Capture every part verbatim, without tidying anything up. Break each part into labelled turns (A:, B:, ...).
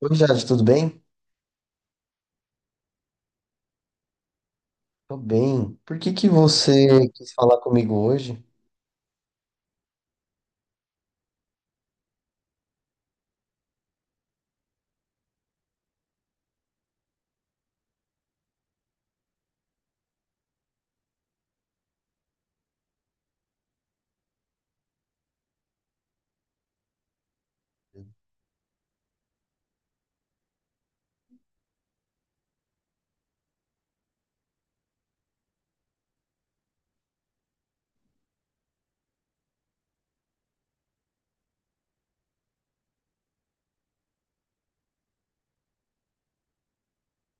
A: Oi, Jade, tudo bem? Tô bem. Por que que você quis falar comigo hoje?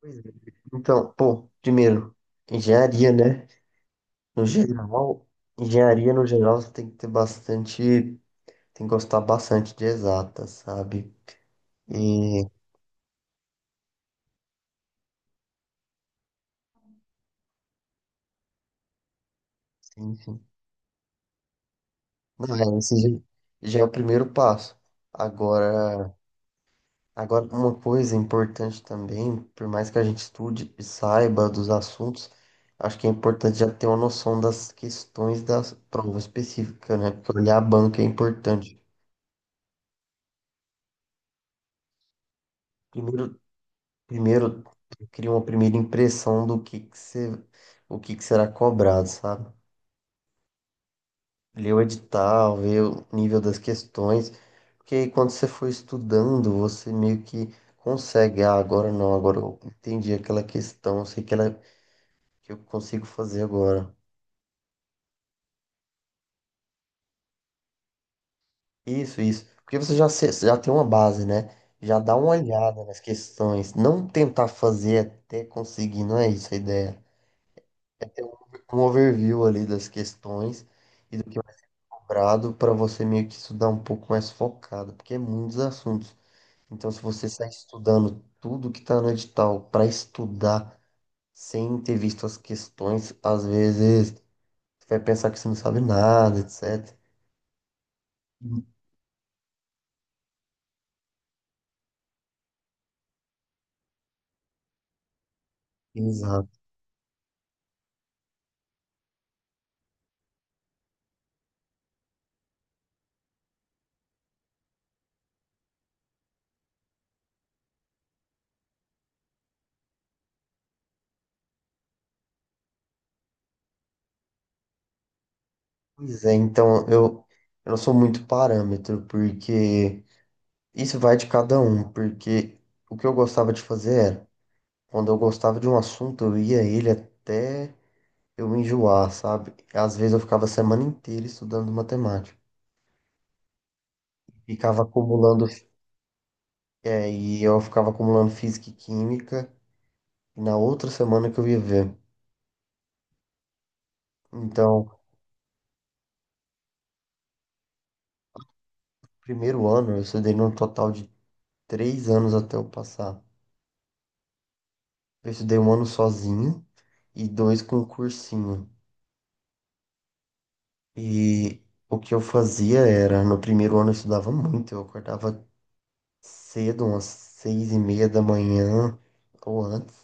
A: Pois é. Então, pô, primeiro, engenharia, né? No geral, engenharia no geral você tem que ter bastante, tem que gostar bastante de exatas, sabe? E, enfim, não, é, esse já já é o primeiro passo. Agora, Agora, uma coisa importante também, por mais que a gente estude e saiba dos assuntos, acho que é importante já ter uma noção das questões da prova específica, né? Porque olhar a banca é importante. Primeiro, primeiro cria uma primeira impressão do que que se- o que que será cobrado, sabe? Ler o edital, ver o nível das questões, porque aí quando você for estudando, você meio que consegue, ah, agora não, agora eu entendi aquela questão, sei que ela que eu consigo fazer agora. Isso, isso. Porque você já, se- já tem uma base, né? Já dá uma olhada nas questões. Não tentar fazer até conseguir, não é isso a ideia. É ter um, um overview ali das questões e do que é cobrado para você meio que estudar um pouco mais focado, porque é muitos assuntos. Então, se você sai estudando tudo que está no edital para estudar sem ter visto as questões, às vezes você vai pensar que você não sabe nada, etcétera. Exato. Pois é, então eu, eu não sou muito parâmetro, porque isso vai de cada um, porque o que eu gostava de fazer era, quando eu gostava de um assunto, eu ia a ele até eu me enjoar, sabe? Às vezes eu ficava a semana inteira estudando matemática, ficava acumulando, é, e eu ficava acumulando física e química na outra semana que eu ia ver. Então, primeiro ano eu estudei num total de três anos até eu passar. Eu estudei um ano sozinho e dois com um cursinho. E o que eu fazia era, no primeiro ano eu estudava muito, eu acordava cedo, umas seis e meia da manhã ou antes,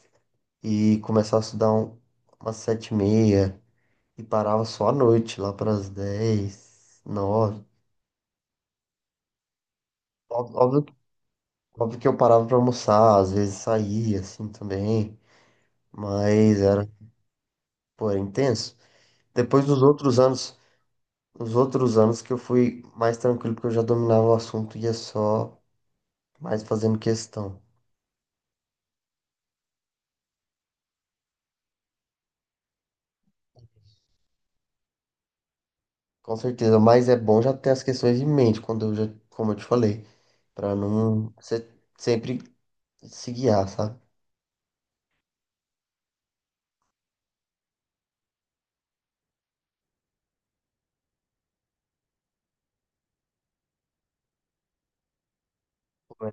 A: e começava a estudar um- umas sete e meia, e parava só à noite, lá para as dez, nove. Óbvio, óbvio que óbvio que eu parava para almoçar, às vezes saía assim também, mas era, pô, era intenso. Depois dos outros anos, os outros anos que eu fui mais tranquilo, porque eu já dominava o assunto e ia só mais fazendo questão. Com certeza, mas é bom já ter as questões em mente, quando eu já, como eu te falei, para não se- sempre se guiar, sabe?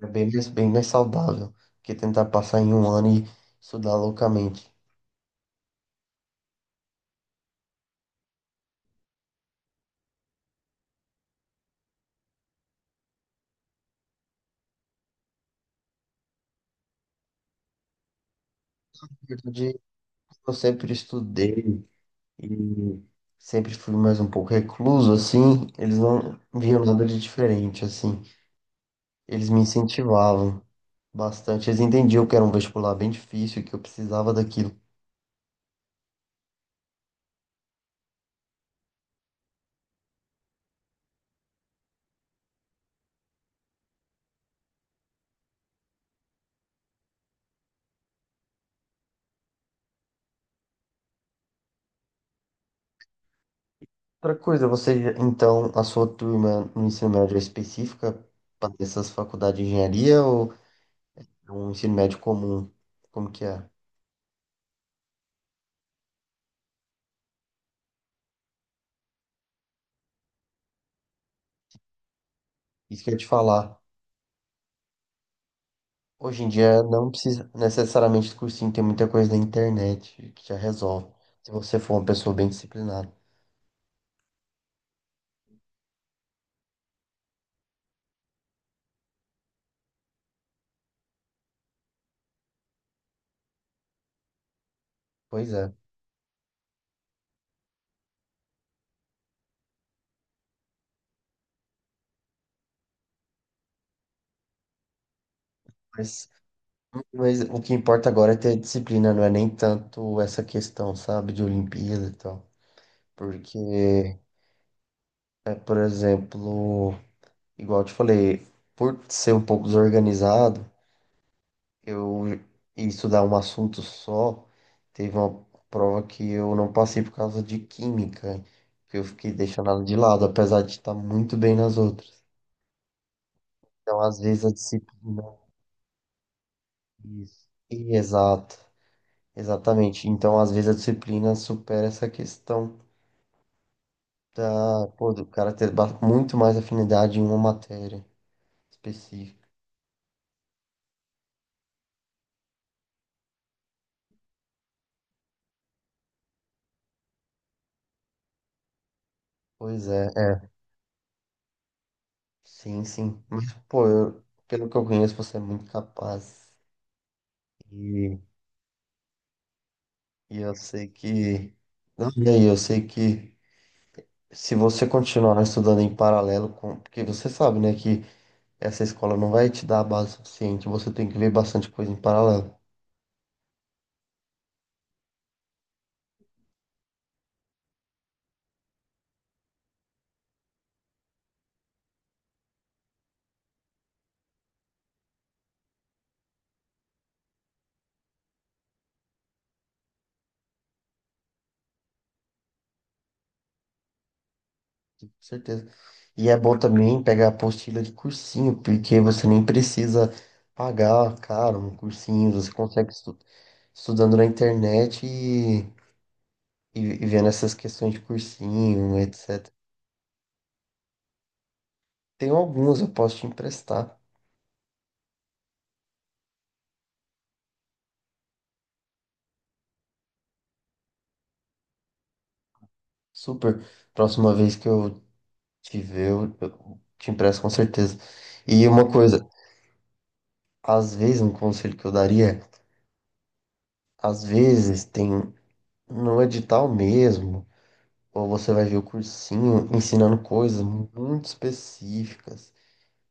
A: É bem mais, bem mais saudável que tentar passar em um ano e estudar loucamente. Na verdade, Eu sempre estudei e sempre fui mais um pouco recluso, assim, eles não viam nada de diferente, assim. Eles me incentivavam bastante, eles entendiam que era um vestibular bem difícil, que eu precisava daquilo. Outra coisa, você, então, a sua turma no ensino médio é específica para essas faculdades de engenharia ou é um ensino médio comum? Como que é? Isso que eu ia te falar. Hoje em dia não precisa necessariamente de cursinho, tem muita coisa na internet que já resolve, se você for uma pessoa bem disciplinada. Pois é, mas, mas o que importa agora é ter disciplina, não é nem tanto essa questão, sabe, de Olimpíada e tal. Porque, é, por exemplo. Igual eu te falei, por ser um pouco desorganizado, eu ia estudar um assunto só. Teve uma prova que eu não passei por causa de química, que eu fiquei deixando ela de lado, apesar de estar muito bem nas outras. Então, às vezes a disciplina. Isso. E, Exato, exatamente. Então, às vezes a disciplina supera essa questão da, pô, do cara ter ba- muito mais afinidade em uma matéria específica. Pois é. é Sim, sim. Mas, pô, eu- pelo que eu conheço, você é muito capaz. E, e eu sei que. Não, e aí, eu sei que se você continuar estudando em paralelo com. Porque você sabe, né, que essa escola não vai te dar a base suficiente. Você tem que ver bastante coisa em paralelo. Com certeza. E é bom também pegar a apostila de cursinho, porque você nem precisa pagar caro um cursinho. Você consegue estu- estudando na internet e, e vendo essas questões de cursinho, etcétera. Tem alguns, eu posso te emprestar. Super. Próxima vez que eu te ver, eu, eu te empresto com certeza. E uma coisa, às vezes, um conselho que eu daria, é, às vezes tem no edital mesmo, ou você vai ver o cursinho ensinando coisas muito específicas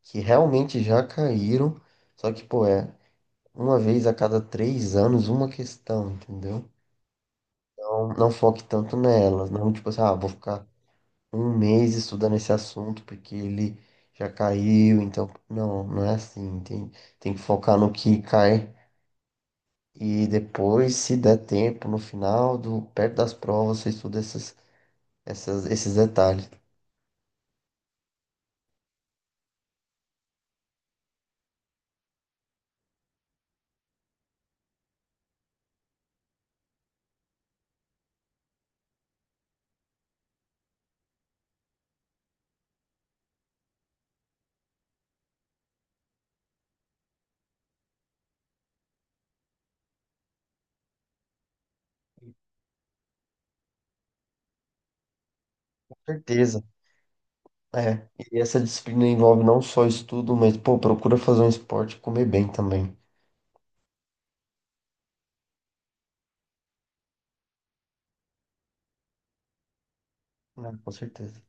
A: que realmente já caíram, só que, pô, é uma vez a cada três anos uma questão, entendeu? Não, não foque tanto nelas, não tipo assim, ah, vou ficar um mês estudando esse assunto porque ele já caiu, então não, não é assim, tem, tem que focar no que cai e depois, se der tempo, no final do perto das provas, você estuda essas, essas, esses detalhes. Com certeza. É, e essa disciplina envolve não só estudo, mas pô, procura fazer um esporte e comer bem também. Né? Com certeza.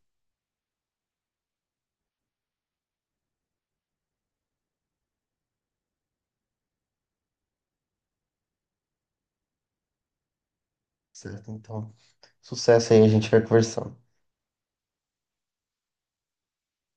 A: Certo, então, sucesso aí, a gente vai conversando.